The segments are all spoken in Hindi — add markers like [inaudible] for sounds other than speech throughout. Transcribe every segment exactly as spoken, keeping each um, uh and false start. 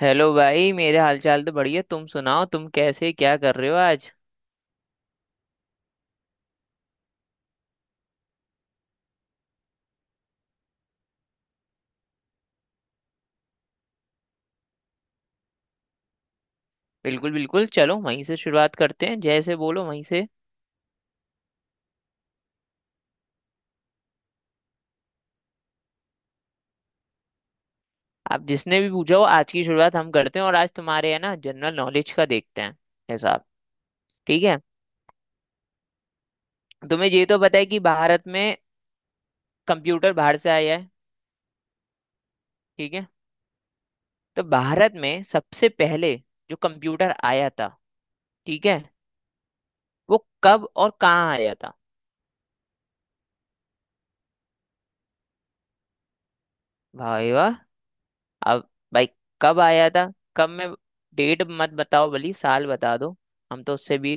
हेलो भाई, मेरे हालचाल तो बढ़िया। तुम सुनाओ, तुम कैसे क्या कर रहे हो आज। बिल्कुल बिल्कुल, चलो वहीं से शुरुआत करते हैं, जैसे बोलो वहीं से। आप जिसने भी पूछा हो, आज की शुरुआत हम करते हैं। और आज तुम्हारे है ना जनरल नॉलेज का देखते हैं हिसाब। ठीक है। तुम्हें ये तो पता है कि भारत में कंप्यूटर बाहर से आया है। ठीक है। तो भारत में सबसे पहले जो कंप्यूटर आया था, ठीक है, वो कब और कहाँ आया था। भाई वाह। अब भाई कब आया था, कब मैं, डेट मत बताओ भली, साल बता दो। हम तो उससे भी,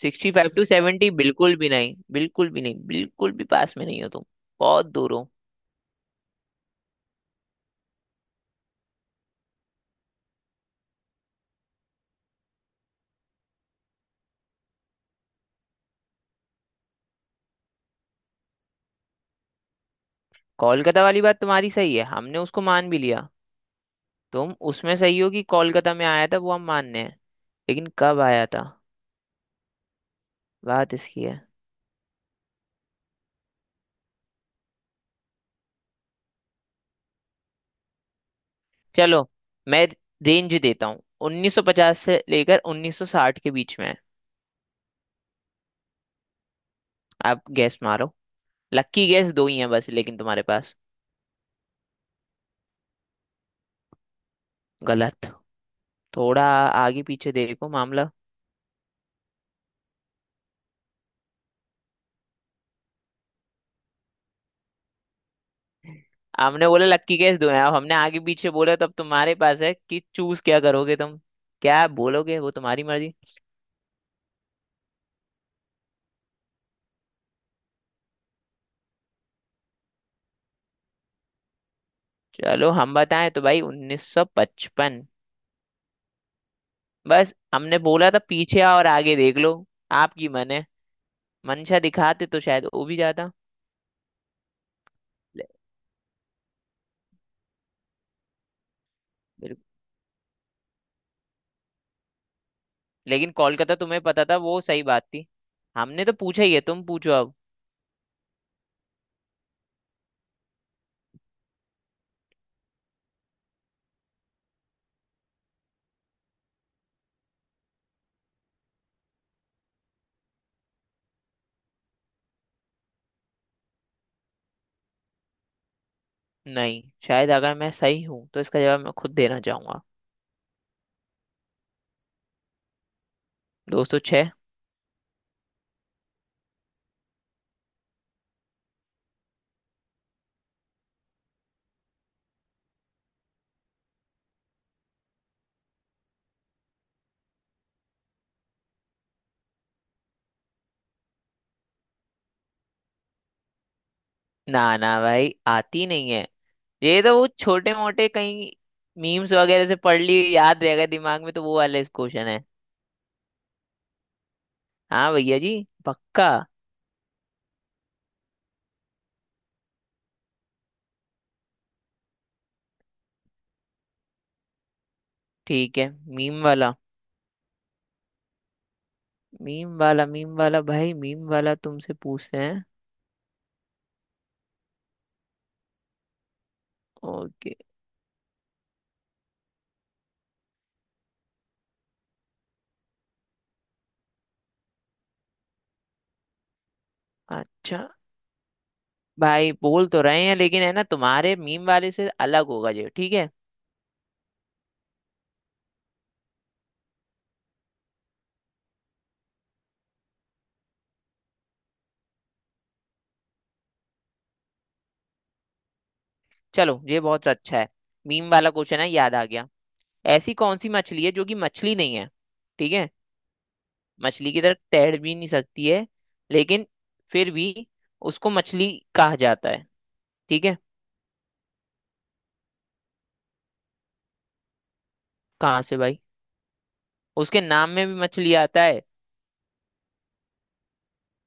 सिक्सटी फाइव टू सेवेंटी बिल्कुल भी नहीं। बिल्कुल भी नहीं, बिल्कुल भी पास में नहीं हो तुम। बहुत दूर हो। कोलकाता वाली बात तुम्हारी सही है, हमने उसको मान भी लिया। तुम उसमें सही हो कि कोलकाता में आया था, वो हम मानने हैं, लेकिन कब आया था, बात इसकी है। चलो मैं रेंज देता हूँ, उन्नीस सौ पचास से लेकर उन्नीस सौ साठ के बीच में है। आप गैस मारो। लकी गैस दो ही हैं बस, लेकिन तुम्हारे पास। गलत। थोड़ा आगे पीछे देखो मामला। हमने बोले लक्की केस दो हैं, अब हमने आगे पीछे बोला, तब तुम्हारे पास है कि चूज क्या करोगे तुम। क्या बोलोगे वो तुम्हारी मर्जी। चलो हम बताएं तो भाई उन्नीस सौ पचपन। बस हमने बोला था पीछे आओ और आगे देख लो। आपकी मन है, मंशा दिखाते तो शायद वो भी जाता। ले, बिल्कुल। लेकिन कोलकाता तुम्हें पता था, वो सही बात थी। हमने तो पूछा ही है, तुम पूछो अब। नहीं, शायद अगर मैं सही हूं तो इसका जवाब मैं खुद देना चाहूंगा। दोस्तों, ना ना भाई, आती नहीं है। ये तो वो छोटे मोटे कहीं मीम्स वगैरह से पढ़ ली, याद रह गए दिमाग में, तो वो वाला क्वेश्चन है। हाँ भैया जी, पक्का। ठीक है, मीम वाला, मीम वाला, मीम वाला भाई, मीम वाला तुमसे पूछते हैं। ओके। अच्छा भाई, बोल तो रहे हैं, लेकिन है ना तुम्हारे मीम वाले से अलग होगा ये, ठीक है। चलो ये बहुत अच्छा है, मीम वाला क्वेश्चन है, याद आ गया। ऐसी कौन सी मछली है जो कि मछली नहीं है। ठीक है। मछली की तरह तैर भी नहीं सकती है, लेकिन फिर भी उसको मछली कहा जाता है। ठीक है। कहाँ से भाई, उसके नाम में भी मछली आता है।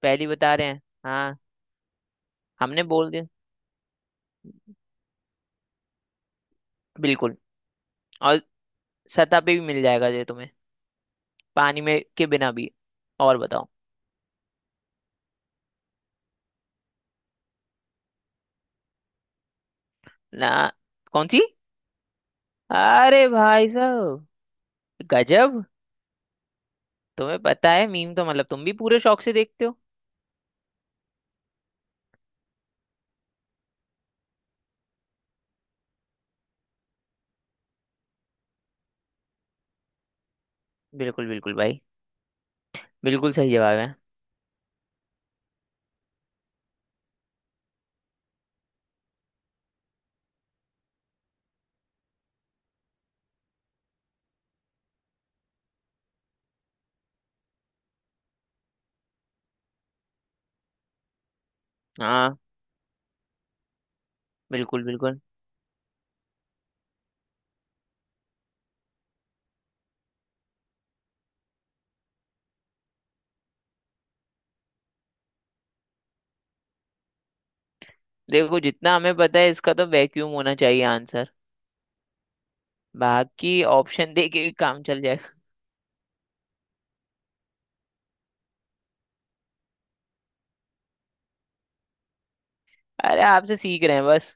पहली बता रहे हैं हाँ। हमने बोल दिया। बिल्कुल। और सतह पे भी मिल जाएगा ये तुम्हें, पानी में के बिना भी। और बताओ। ना। कौन सी। अरे भाई साहब, गजब। तुम्हें पता है मीम तो, मतलब तुम भी पूरे शौक से देखते हो। बिल्कुल बिल्कुल भाई। बिल्कुल सही जवाब है। हाँ बिल्कुल बिल्कुल। देखो जितना हमें पता है इसका, तो वैक्यूम होना चाहिए आंसर। बाकी ऑप्शन दे के भी काम चल जाएगा। अरे आपसे सीख रहे हैं बस।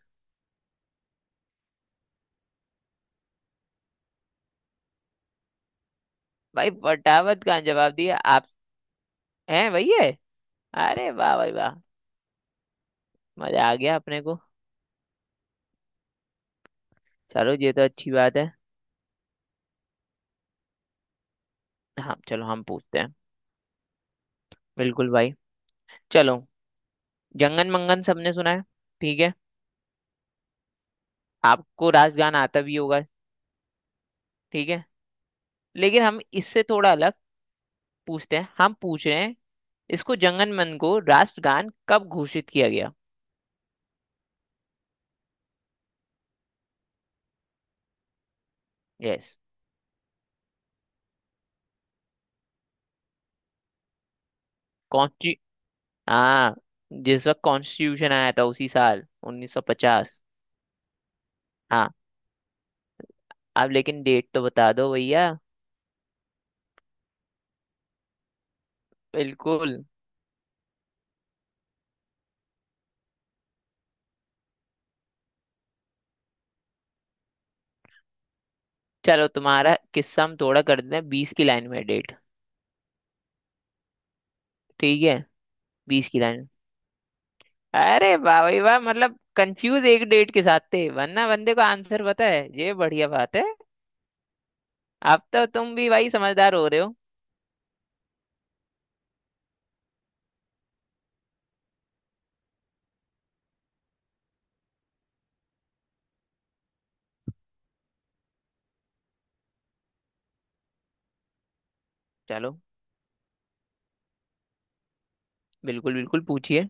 भाई फटाफट का जवाब दिया आप। हैं वही है। अरे वाह भाई वाह। मजा आ गया अपने को। चलो ये तो अच्छी बात है। हाँ चलो हम पूछते हैं। बिल्कुल भाई, चलो। जंगन मंगन सबने सुना है, ठीक है। आपको रास गान आता भी होगा, ठीक है। लेकिन हम इससे थोड़ा अलग पूछते हैं। हम पूछ रहे हैं, इसको जंगन मन को राष्ट्रगान कब घोषित किया गया। यस। कौन सी। हाँ, जिस वक्त कॉन्स्टिट्यूशन आया था उसी साल, उन्नीस सौ पचास। हाँ। आप लेकिन डेट तो बता दो भैया। बिल्कुल। चलो तुम्हारा किस्सा हम थोड़ा कर देते हैं, बीस की लाइन में है डेट। ठीक है। बीस की लाइन। अरे वाह भाई वाह, मतलब कंफ्यूज एक डेट के साथ थे, वरना बंदे को आंसर पता है, ये बढ़िया बात है। अब तो तुम भी भाई समझदार हो रहे हो। चलो। बिल्कुल बिल्कुल, पूछिए।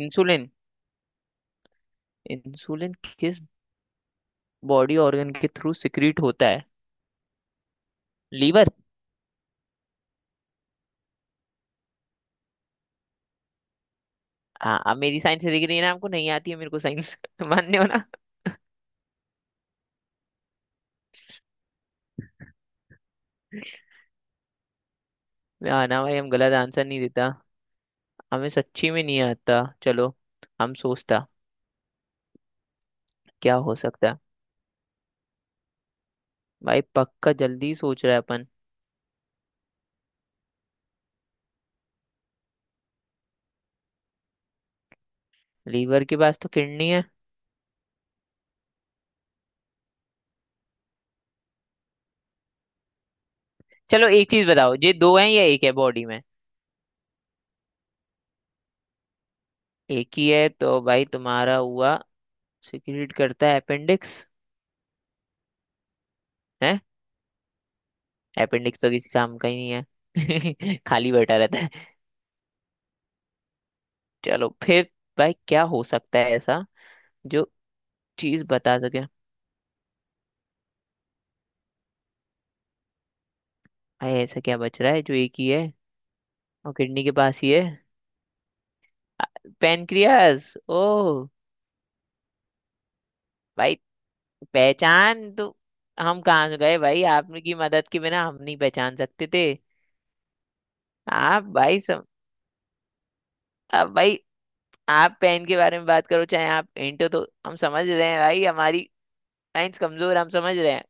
इंसुलिन। इंसुलिन किस बॉडी ऑर्गन के थ्रू सिक्रीट होता है। लीवर। हाँ अब मेरी साइंस से दिख रही है ना आपको, नहीं आती है मेरे को साइंस [laughs] मानने हो ना। ना ना भाई, हम गलत आंसर नहीं देता। हमें सच्ची में नहीं आता। चलो हम सोचता, क्या हो सकता है। भाई पक्का जल्दी सोच रहा है अपन। लीवर के पास तो किडनी है। चलो एक चीज बताओ, ये दो है या एक है बॉडी में। एक ही है तो भाई तुम्हारा हुआ। सिक्रीट करता है अपेंडिक्स। है। अपेंडिक्स तो किसी काम का ही नहीं है [laughs] खाली बैठा रहता है। चलो फिर, भाई क्या हो सकता है ऐसा जो चीज बता सके। अरे ऐसा क्या बच रहा है जो एक ही है और किडनी के पास ही है। पेनक्रियास ओ। भाई पहचान तो हम कहाँ गए, भाई आपकी मदद के बिना हम नहीं पहचान सकते थे। आप भाई सम, अब भाई आप पेन के बारे में बात करो चाहे आप इंटो, तो हम समझ रहे हैं भाई हमारी साइंस कमजोर है, हम समझ रहे हैं।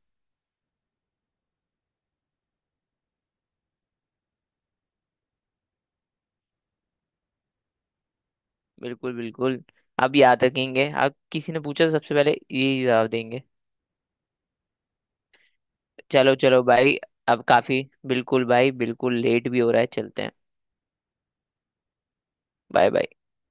बिल्कुल बिल्कुल। अब याद रखेंगे, अब किसी ने पूछा तो सबसे पहले यही जवाब देंगे। चलो चलो भाई। अब काफी बिल्कुल भाई, बिल्कुल लेट भी हो रहा है, चलते हैं। Bye bye.